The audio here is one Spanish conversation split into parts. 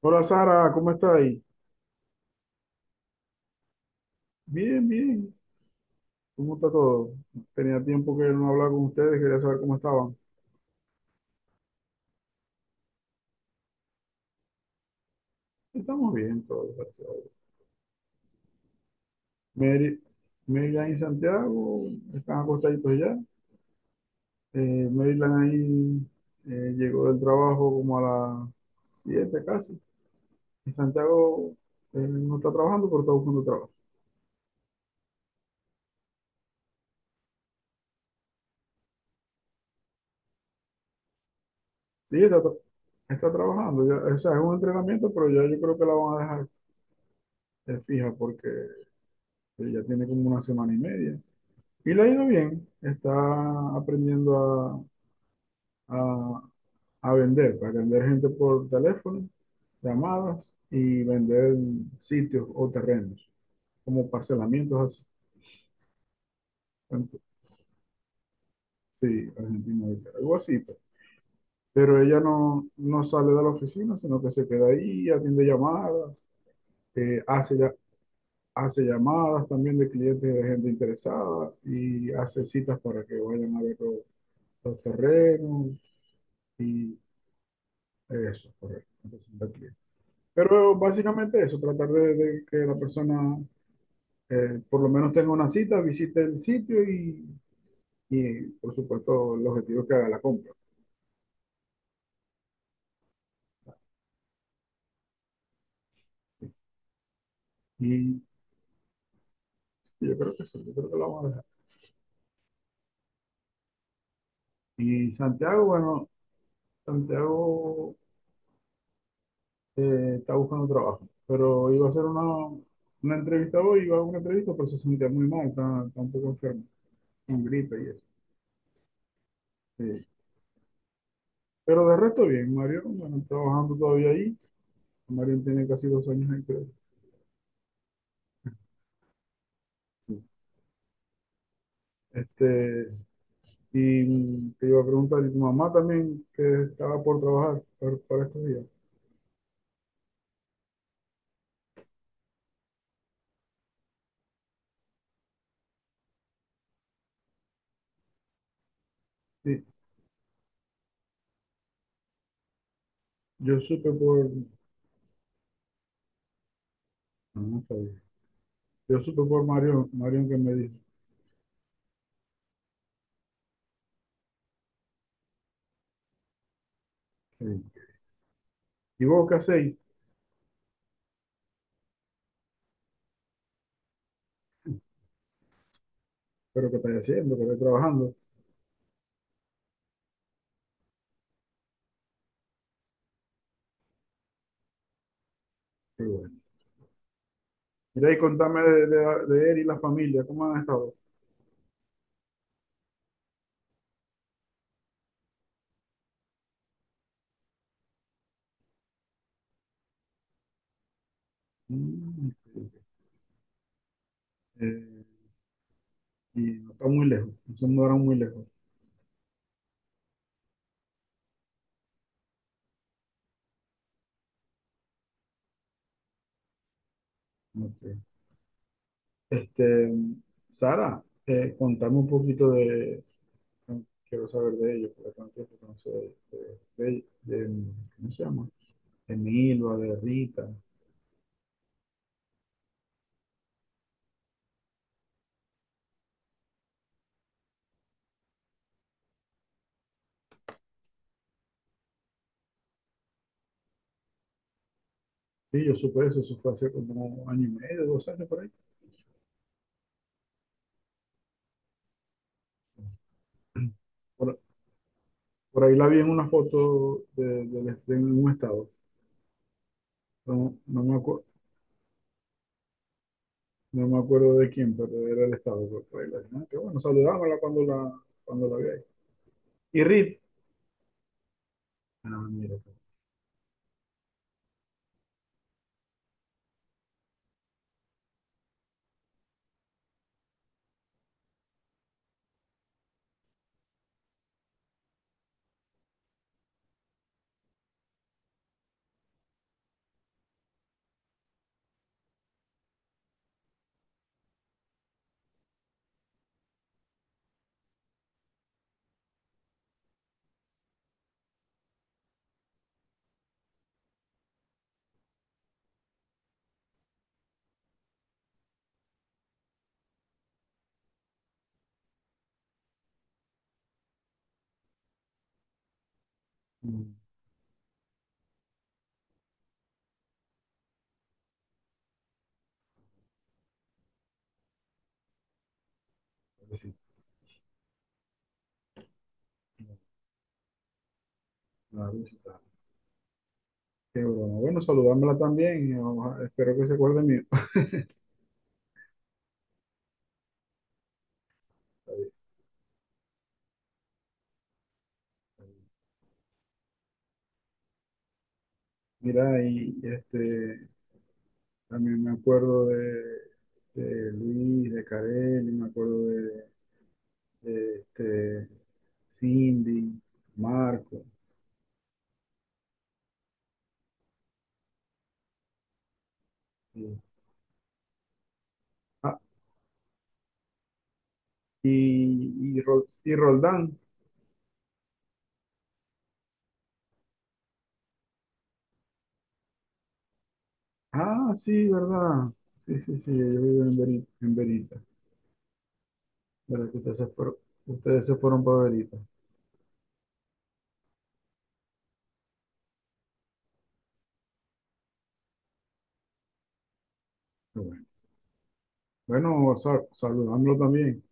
Hola Sara, ¿cómo estáis? Bien, bien. ¿Cómo está todo? Tenía tiempo que no hablaba con ustedes, quería saber cómo estaban. Estamos bien todos, gracias a Dios. Mary, Maryland y Santiago están acostaditos ya. Maryland ahí llegó del trabajo como a las 7 casi. Y Santiago no está trabajando, pero está buscando trabajo. Sí, está trabajando. Ya, o sea, es un entrenamiento, pero ya yo creo que la van a dejar fija porque ya tiene como una semana y media. Y le ha ido bien, está aprendiendo a, a- a vender, para vender gente por teléfono, llamadas y vender sitios o terrenos, como parcelamientos así. Tanto- Sí, Argentina, algo así, pues. Pero ella no sale de la oficina, sino que se queda ahí, atiende llamadas, eh, hace, ya- hace llamadas también de clientes de gente interesada y hace citas para que vayan a ver los terrenos y eso, correcto. Entonces, pero básicamente eso, tratar de que la persona por lo menos tenga una cita, visite el sitio y por supuesto el objetivo es que haga la compra. Y sí, yo creo que sí, yo creo que lo vamos a dejar. Y Santiago, bueno, Santiago está buscando trabajo, pero iba a hacer una entrevista hoy, iba a una entrevista, pero se sentía muy mal, está un poco enfermo, con gripe y eso. Sí. Pero de resto bien, Mario, bueno, trabajando todavía ahí. Mario tiene casi 2 años ahí, creo. Sí. Este, y te iba a preguntar, ¿y tu mamá también que estaba por trabajar para estos días? Sí, yo supe por, no, no sabía. Yo supe por Marión que me dijo. Sí, ¿y vos qué hacéis? ¿Pero qué estáis haciendo? ¿Qué estáis trabajando? Qué bueno. Mira y contame de él y la familia, ¿cómo han estado? Mm, sí, eh, y no está muy lejos, no se mudaron muy lejos. No. Este, Sara, contame un poquito de, no quiero saber de ellos, porque tanto tiempo que no sé de ¿cómo se llama? De Milva, de Rita. Sí, yo supe eso, eso fue hace como 1 año y medio, 2 años por ahí. Por, por ahí la vi en una foto del de un estado. No, no me acuerdo, no me acuerdo de quién, pero era el estado. Por ahí la vi. Ah, qué bueno, saludámosla cuando cuando la vi ahí. Y Rita, ah, mira, pues, mm, sí, no, la visita. Qué broma, bueno, saludámosla también, y oja- espero que se acuerde de mí. Mira, y este, también me acuerdo de Luis, de Karel, y me acuerdo de, este, Cindy, Marco, y, ah, y Ro- y Roldán. Ah, sí, ¿verdad? Sí, sí, sí, ellos viven en Berita, en Verita. ¿Verdad que ustedes se fueron para Berita? Qué, bueno, bueno, sa- saludándolo también.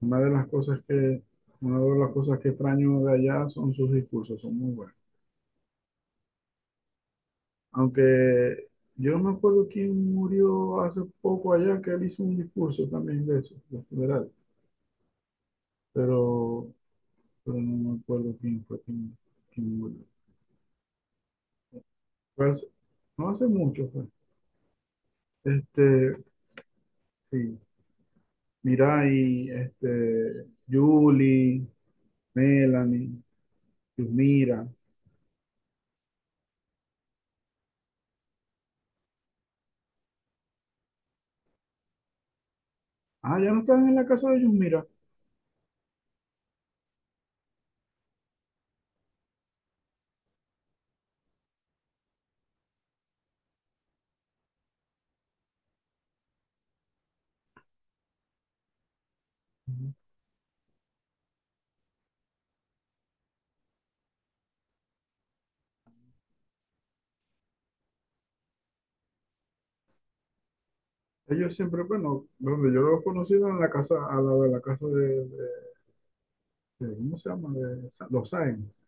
Una de las cosas que, una de las cosas que extraño de allá son sus discursos, son muy buenos. Aunque yo no me acuerdo quién murió hace poco allá, que él hizo un discurso también de eso, de funeral, pero, pero no me acuerdo quién, quién murió. Fue hace- no hace mucho fue. Este, sí, Mirai, este, Julie, Melanie, Yusmira. Ah, ya no están en la casa de Yusmira. Ellos siempre, bueno, donde yo los he conocido en la casa, a la de la casa de ¿cómo se llama? De Sa- los Sáenz.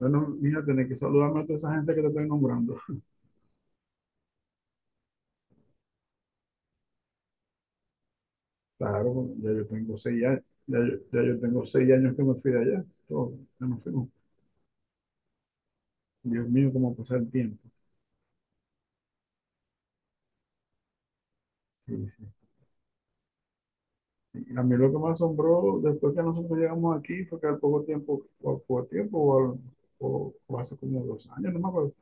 Bueno, mira, tenés que saludarme a toda esa gente que te estoy nombrando. Claro, ya yo tengo 6 años, ya yo tengo 6 años que me fui de allá. Todo, ya nos fuimos. Dios mío, cómo pasa el tiempo. Sí, sí. Y a mí lo que me asombró después que nosotros llegamos aquí fue que al poco tiempo, o al poco tiempo, o hace como 2 años, no me acuerdo.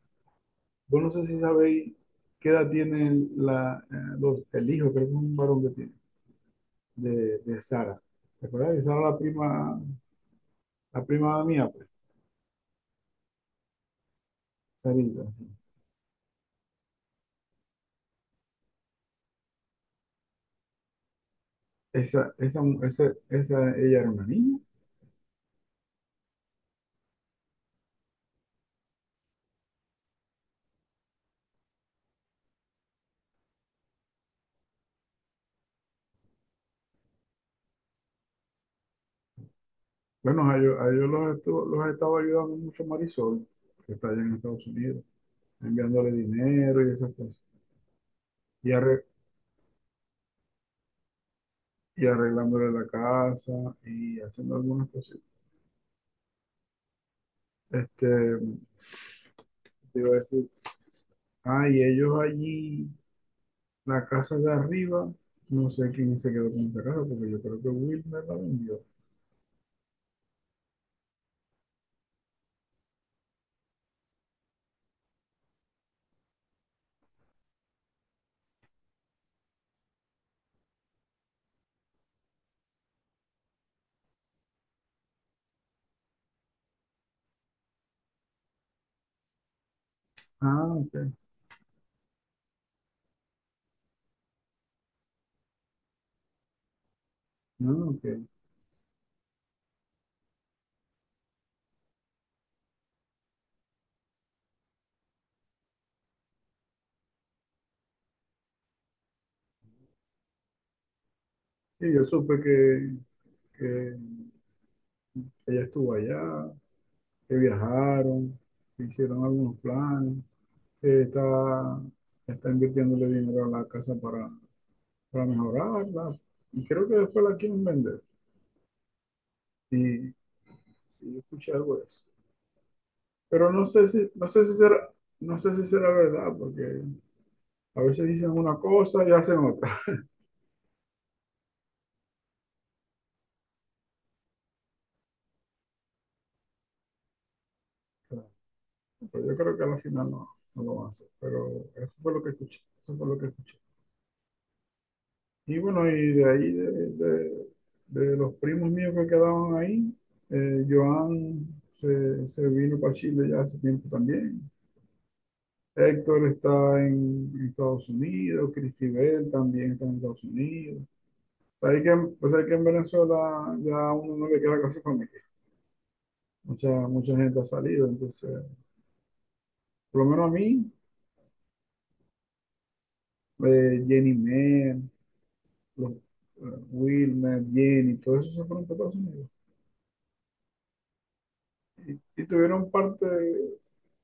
Vos no sé si sabéis qué edad tiene la, los- el hijo, creo que es un varón que tiene, de Sara. ¿Te acuerdas? De Sara, la prima mía, pues, Sarita, sí. Esa, mu- esa, ella era una niña. Bueno, a ellos los estaba ayudando mucho Marisol, que está allá en Estados Unidos, enviándole dinero y esas cosas. Y, arre- y arreglándole la casa y haciendo algunas cosas. Este, te iba a decir, ah, y ellos allí, la casa de arriba, no sé quién se quedó con esa casa, porque yo creo que Wilmer la vendió. Ah, ok. No, ok. Sí, yo supe que ella estuvo allá, que viajaron, que hicieron algunos planes, que está, está invirtiéndole dinero a la casa para mejorarla. Y creo que después la quieren vender. Y, y yo escuché algo de eso. Pero no sé si, no sé si será, no sé si será verdad, porque a veces dicen una cosa y hacen otra. Pero yo creo que al final no, no lo van a hacer. Pero eso fue lo que escuché. Eso fue lo que escuché. Y bueno, y de ahí, de los primos míos que quedaban ahí, Joan se vino para Chile ya hace tiempo también. Héctor está en Estados Unidos, Cristibel también está en Estados Unidos. Sabes que, pues hay que en Venezuela ya uno no le queda casi familia. Mucha gente ha salido, entonces, por lo menos a mí, Jenny Mer, los, Wilmer, Jenny, todos esos se fueron para Estados Unidos. Y tuvieron parte,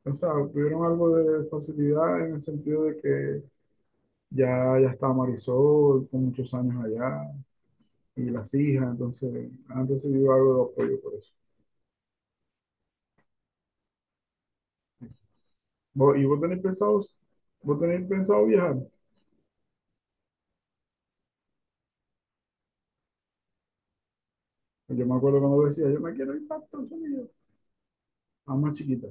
o sea, tuvieron algo de facilidad en el sentido de que ya, ya está Marisol con muchos años allá y las hijas, entonces han recibido algo de apoyo por eso. Vos- ¿y vos tenés pensado viajar? Yo me acuerdo cuando decía, yo me quiero ir para Estados Unidos, a más chiquita.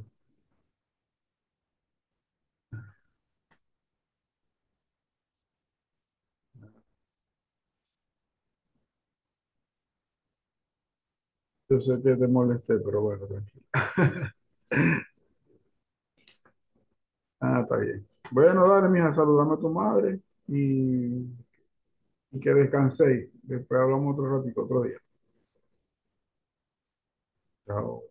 Yo sé que te molesté, pero bueno, tranquilo. Ah, está bien. Bueno, dale, mija, saludame a tu madre y, y que descanséis. Después hablamos otro ratito, otro día. Chao.